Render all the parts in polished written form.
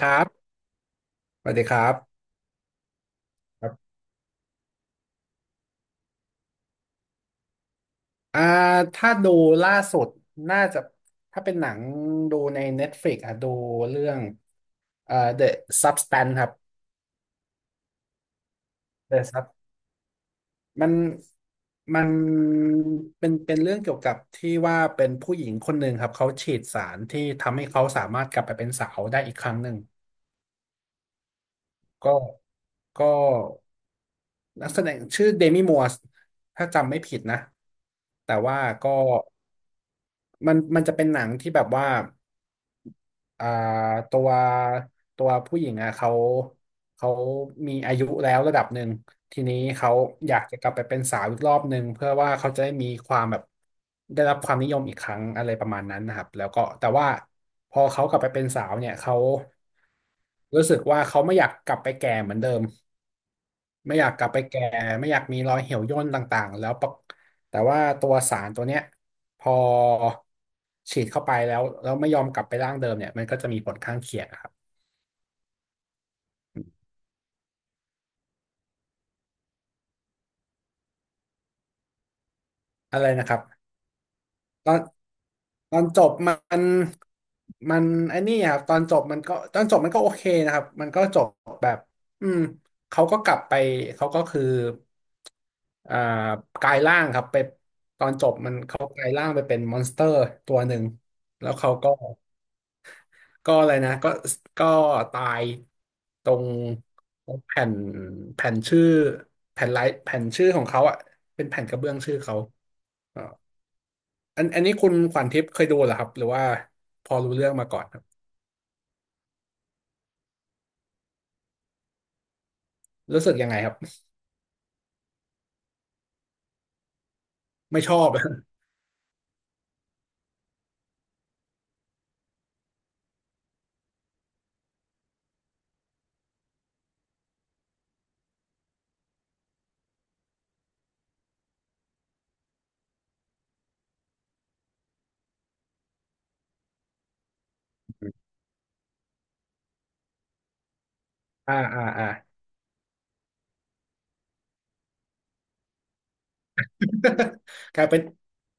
ครับสวัสดีครับครับอ่าถ้าดูล่าสุดน่าจะถ้าเป็นหนังดูใน Netflix อ่ะดูเรื่องThe Substance ครับ The Sub มันมันเป็นเรื่องเกี่ยวกับที่ว่าเป็นผู้หญิงคนหนึ่งครับเขาฉีดสารที่ทำให้เขาสามารถกลับไปเป็นสาวได้อีกครั้งหนึ่งก็ก็นักแสดงชื่อเดมี่มัวสถ้าจำไม่ผิดนะแต่ว่าก็มันจะเป็นหนังที่แบบว่า อ่าตัวตัวผู้หญิงอ่ะเขามีอายุแล้วระดับหนึ่งทีนี้เขาอยากจะกลับไปเป็นสาวอีกรอบหนึ่งเพื่อว่าเขาจะได้มีความแบบได้รับความนิยมอีกครั้งอะไรประมาณนั้นนะครับแล้วก็แต่ว่าพอเขากลับไปเป็นสาวเนี่ยเขารู้สึกว่าเขาไม่อยากกลับไปแก่เหมือนเดิมไม่อยากกลับไปแก่ไม่อยากมีรอยเหี่ยวย่นต่างๆแล้วปะแต่ว่าตัวสารตัวเนี้ย พอฉีดเข้าไปแล้วไม่ยอมกลับไปร่างเดิมเนี่ยมันก็จะมีผลข้างเคียงอะครับอะไรนะครับตอนตอนจบมันมันไอ้นี่ครับตอนจบมันก็โอเคนะครับมันก็จบแบบอืมเขาก็กลับไปเขาก็คืออ่ากลายร่างครับไปตอนจบมันเขากลายร่างไปเป็นมอนสเตอร์ตัวหนึ่งแล้วเขาก็ ก็อะไรนะก็ก็ตายตรงตรงแผ่นชื่อแผ่นไลท์แผ่นชื่อของเขาอ่ะเป็นแผ่นกระเบื้องชื่อเขาอ่าอันนี้คุณขวัญทิพย์เคยดูเหรอครับหรือว่าพอรู้เรื่องมาก่อนครับรู้สึกยังไงครับไม่ชอบ อ่าอ่าอ่า กลายเป็น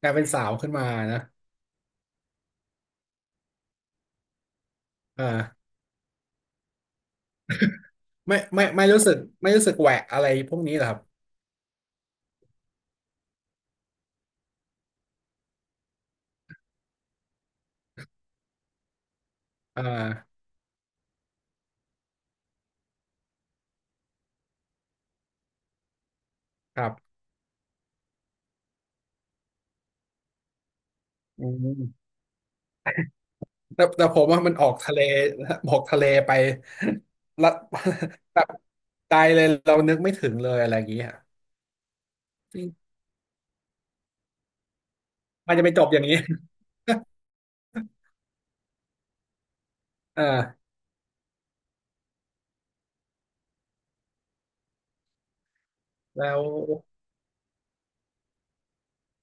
กลายเป็นสาวขึ้นมานะอ่าไม่รู้สึกแหวะอะไรพวกนี้เหรอครับอ่าครับอืม แต่ผมว่ามันออกทะเลไปละ แบบตายเลยเรานึกไม่ถึงเลยอะไรอย่างเงี้ยจริงมันจะไปจบอย่างนี้ อ่าแล้ว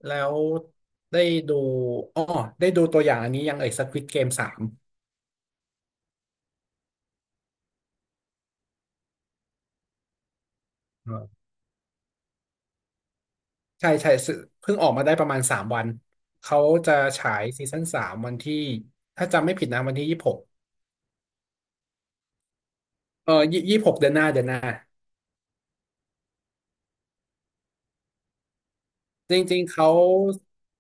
แล้วได้ดูอ๋อได้ดูตัวอย่างอันนี้ยังเอ่ยักวิดเกมสามอ่าใช่ใช่ซึ่งเพิ่งออกมาได้ประมาณสามวันเขาจะฉายซีซั่นสามวันที่ถ้าจำไม่ผิดนะวันที่ยี่สิบหกเออยี่สิบหกเดือนหน้าเดือนหน้า จริงๆเขา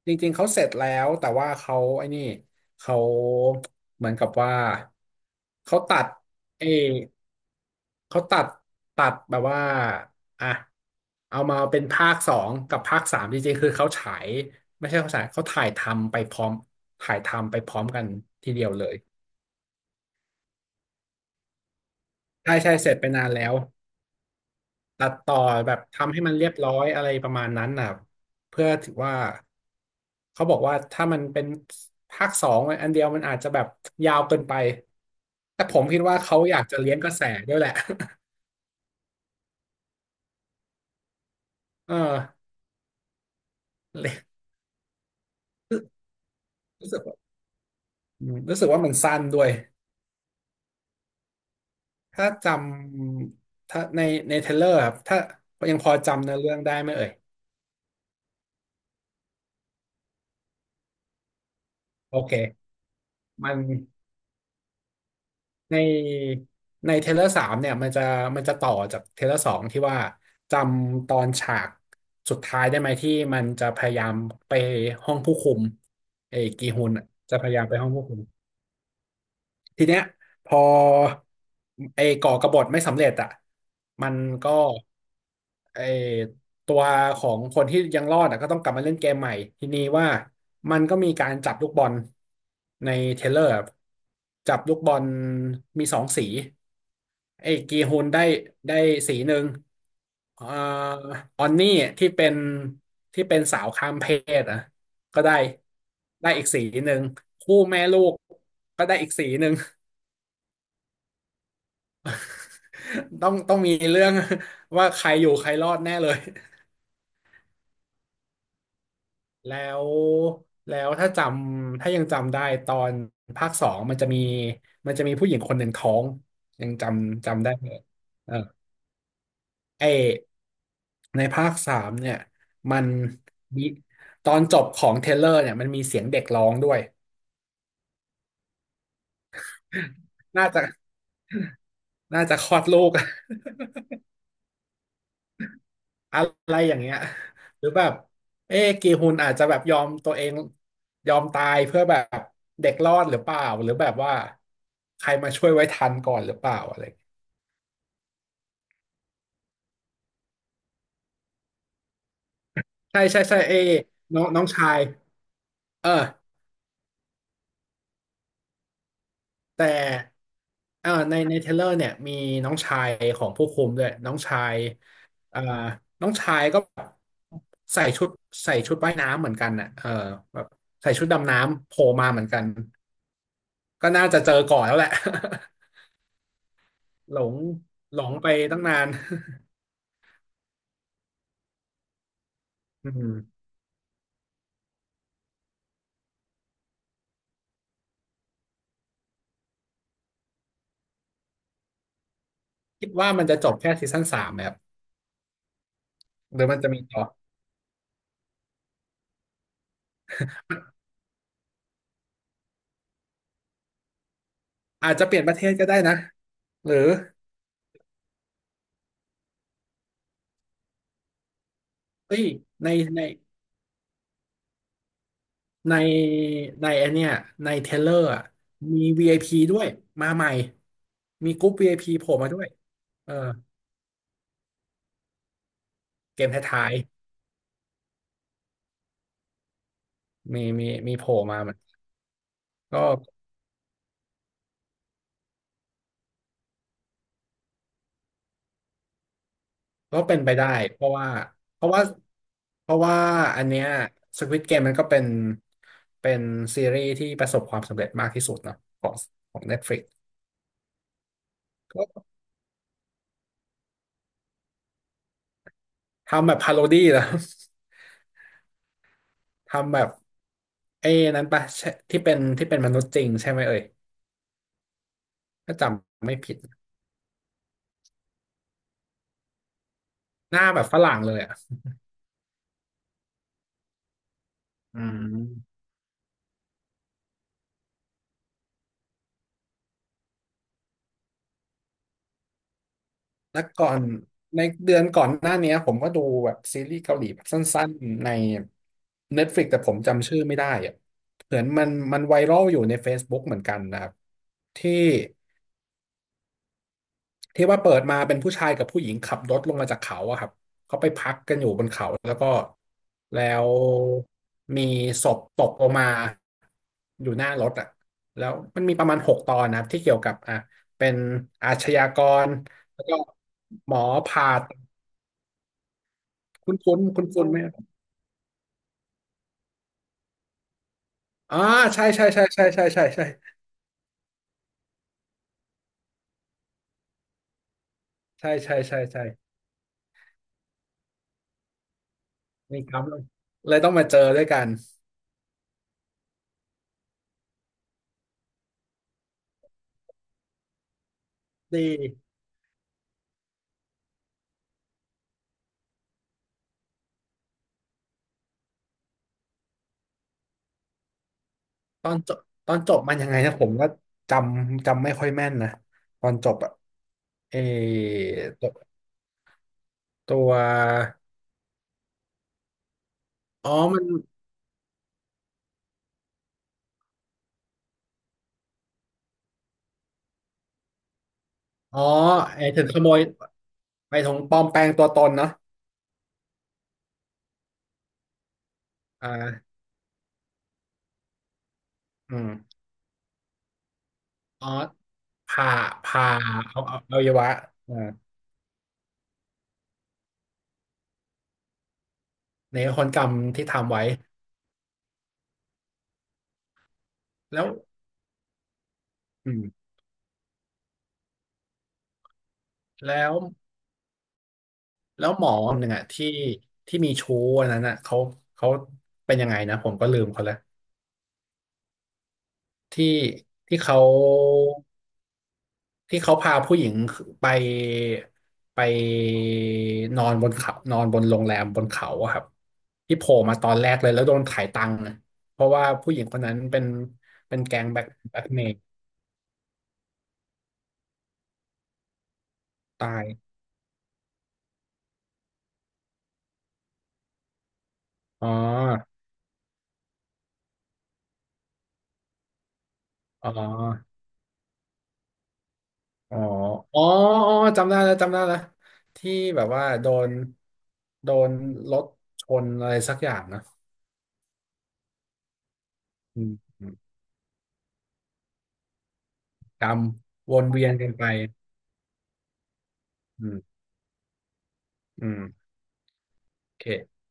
จริงๆ เขาเสร็จแล้วแต่ว่าเขาเขาเหมือนกับว่าเขาตัดเอเขาตัดแบบว่าอ่ะเอามาเป็นภาคสองกับภาคสามจริงๆ คือเขาฉายไม่ใช่เขาฉายเขาถ่ายทำไปพร้อมถ่ายทำไปพร้อมกันทีเดียวเลยใช่ใช่เสร็จไปนานแล้ว ตัดต่อแบบทำให้มันเรียบร้อยอะไรประมาณนั้นนะครับเพื่อถือว่าเขาบอกว่าถ้ามันเป็นภาคสองอันเดียวมันอาจจะแบบยาวเกินไปแต่ผมคิดว่าเขาอยากจะเลี้ยงกระแสด้วยแหละ เออเลยรู้สึกว่ารู้สึกว่ามันสั้นด้วยถ้าจถ้าในเทรลเลอร์ครับถ้ายังพอจำเนื้อเรื่องได้ไหมเอ่ยโอเคมัน ในในเทเลอร์สามเนี่ยมันจะต่อจากเทเลอร์สองที่ว่าจำตอนฉากสุดท้ายได้ไหมที่มันจะพยายามไปห้องผู้คุมเออกีฮุนอะจะพยายามไปห้องผู้คุม ทีเนี้ยพอไอ้ก่อกบฏไม่สำเร็จอ่ะมันก็ไอ้ตัวของคนที่ยังรอดอ่ะก็ต้องกลับมาเล่นเกมใหม่ทีนี้ว่ามันก็มีการจับลูกบอลในเทเลอร์จับลูกบอลมีสองสีไอ้กีฮุนได้ได้สีหนึ่งเอ่อออนนี่ที่เป็นสาวข้ามเพศอ่ะก็ได้อีกสีหนึ่งคู่แม่ลูกก็ได้อีกสีหนึ่ง ต้องมีเรื่อง ว่าใครอยู่ใครรอดแน่เลย แล้วแล้วถ้าจถ้ายังจำได้ตอนภาคสองมันจะมีผู้หญิงคนหนึ่งท้องยังจำได้เลยเออไอในภาคสามเนี่ยมันมีตอนจบของเทรลเลอร์เนี่ยมันมีเสียงเด็กร้องด้วยน่าจะคลอดลูก อะไรอย่างเงี้ย หรือแบบเอ๊ะกีฮุนอาจจะแบบยอมตัวเองยอมตายเพื่อแบบเด็กรอดหรือเปล่าหรือแบบว่าใครมาช่วยไว้ทันก่อนหรือเปล่าอะไรอย่างเงี้ยใช่ใช่ใช่เอ๊ะน้องน้องชายเออแต่ในเทรลเลอร์เนี่ยมีน้องชายของผู้คุมด้วยน้องชายเอ่อน้องชายก็ใส่ชุดว่ายน้ำเหมือนกันน่ะเออแบบใส่ชุดดำน้ำโผล่มาเหมือนกันก็น่าจะเจอก่อนแล้วแหละ หลงหลงไปตั้งนาน อืมคิดว่ามันจะจบแค่ซีซั่นสามแบบหรือมันจะมีต่ออาจจะเปลี่ยนประเทศก็ได้นะหรือเฮ้ยในในในในไอนเนี้ยในเทเลอร์อะมี VIP ด้วยมาใหม่มีกรุ๊ป VIP โผล่มาด้วยเออเกมท้ายๆมีโผล่มาเหมือนก็ ก็เป็นไปได้เพราะว่าเพราะว่าเพราะว่าอันเนี้ย Squid Game มันก็เป็นซีรีส์ที่ประสบความสำเร็จมากที่สุดเนาะของของ Netflix ก็ทำแบบพาโรดี้แล้ว ทำแบบไอ้นั้นปะใช่ที่เป็นที่เป็นมนุษย์จริงใช่ไหมเอ่ยถ้าจำไม่ผิดหน้าแบบฝรั่งเลยอ่ะอืม แล้วก่อนในเดือนก่อนหน้าเนี้ยผมก็ดูแบบซีรีส์เกาหลีแบบสั้นๆใน Netflix แต่ผมจำชื่อไม่ได้อะเหมือนมันไวรัลอยู่ใน Facebook เหมือนกันนะครับที่ที่ว่าเปิดมาเป็นผู้ชายกับผู้หญิงขับรถลงมาจากเขาอะครับเขาไปพักกันอยู่บนเขาแล้วก็แล้วมีศพตกลงมาอยู่หน้ารถอะแล้วมันมีประมาณหกตอนนะครับที่เกี่ยวกับอ่ะเป็นอาชญากรแล้วก็หมอผ่า คุณคุ้นคุณคุ้นไหมครับอ่าใช่ใช่ใช่ใช่ใช่ใช่ใช่ใช่ใช่ใช่ใช่นี่ครับเลยเลยต้องมาเจอด้วยกันดีตอนจบตอนจบมันยังไงนะผมก็จจำไม่ค่อยแม่นนะตอนจบอะเอตัวตัวอ๋อมันอ๋อไอ้ถึงขโมยไปถงปลอมแปลงตัวตนเนาะอ่าอืมอ๋อผ่าผ่าเอาอวัยวะอ่าในคนกรรมที่ทำไว้แล้วอืมแล้ว แล้วหมอคนหนึ่งอะที่ที่มีชู้อันนั้นอะเขาเป็นยังไงนะผมก็ลืมเขาแล้วที่ที่เขาที่เขาพาผู้หญิงไปไปนอนบนเขานอนบนโรงแรมบนเขาอะครับที่โผล่มาตอนแรกเลยแล้วโดนขายตังค์นะเพราะว่าผู้หญิงคนนั้นเป็นเป็นแก๊งแบ็คแบ็คเมย์ตายอ๋ออ๋อ อ๋ออ๋ออ๋อจำได้แล้วจำได้แล้วที่แบบว่าโดนโดนรถชนอะไรสักอย่างนะอืมอืมกรรมวนเวียนกันไปอืมอืมโอเค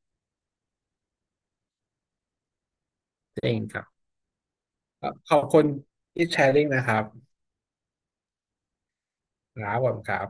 จริงครับขอบคุณที่แชร์ลิงนะครับครับผมครับ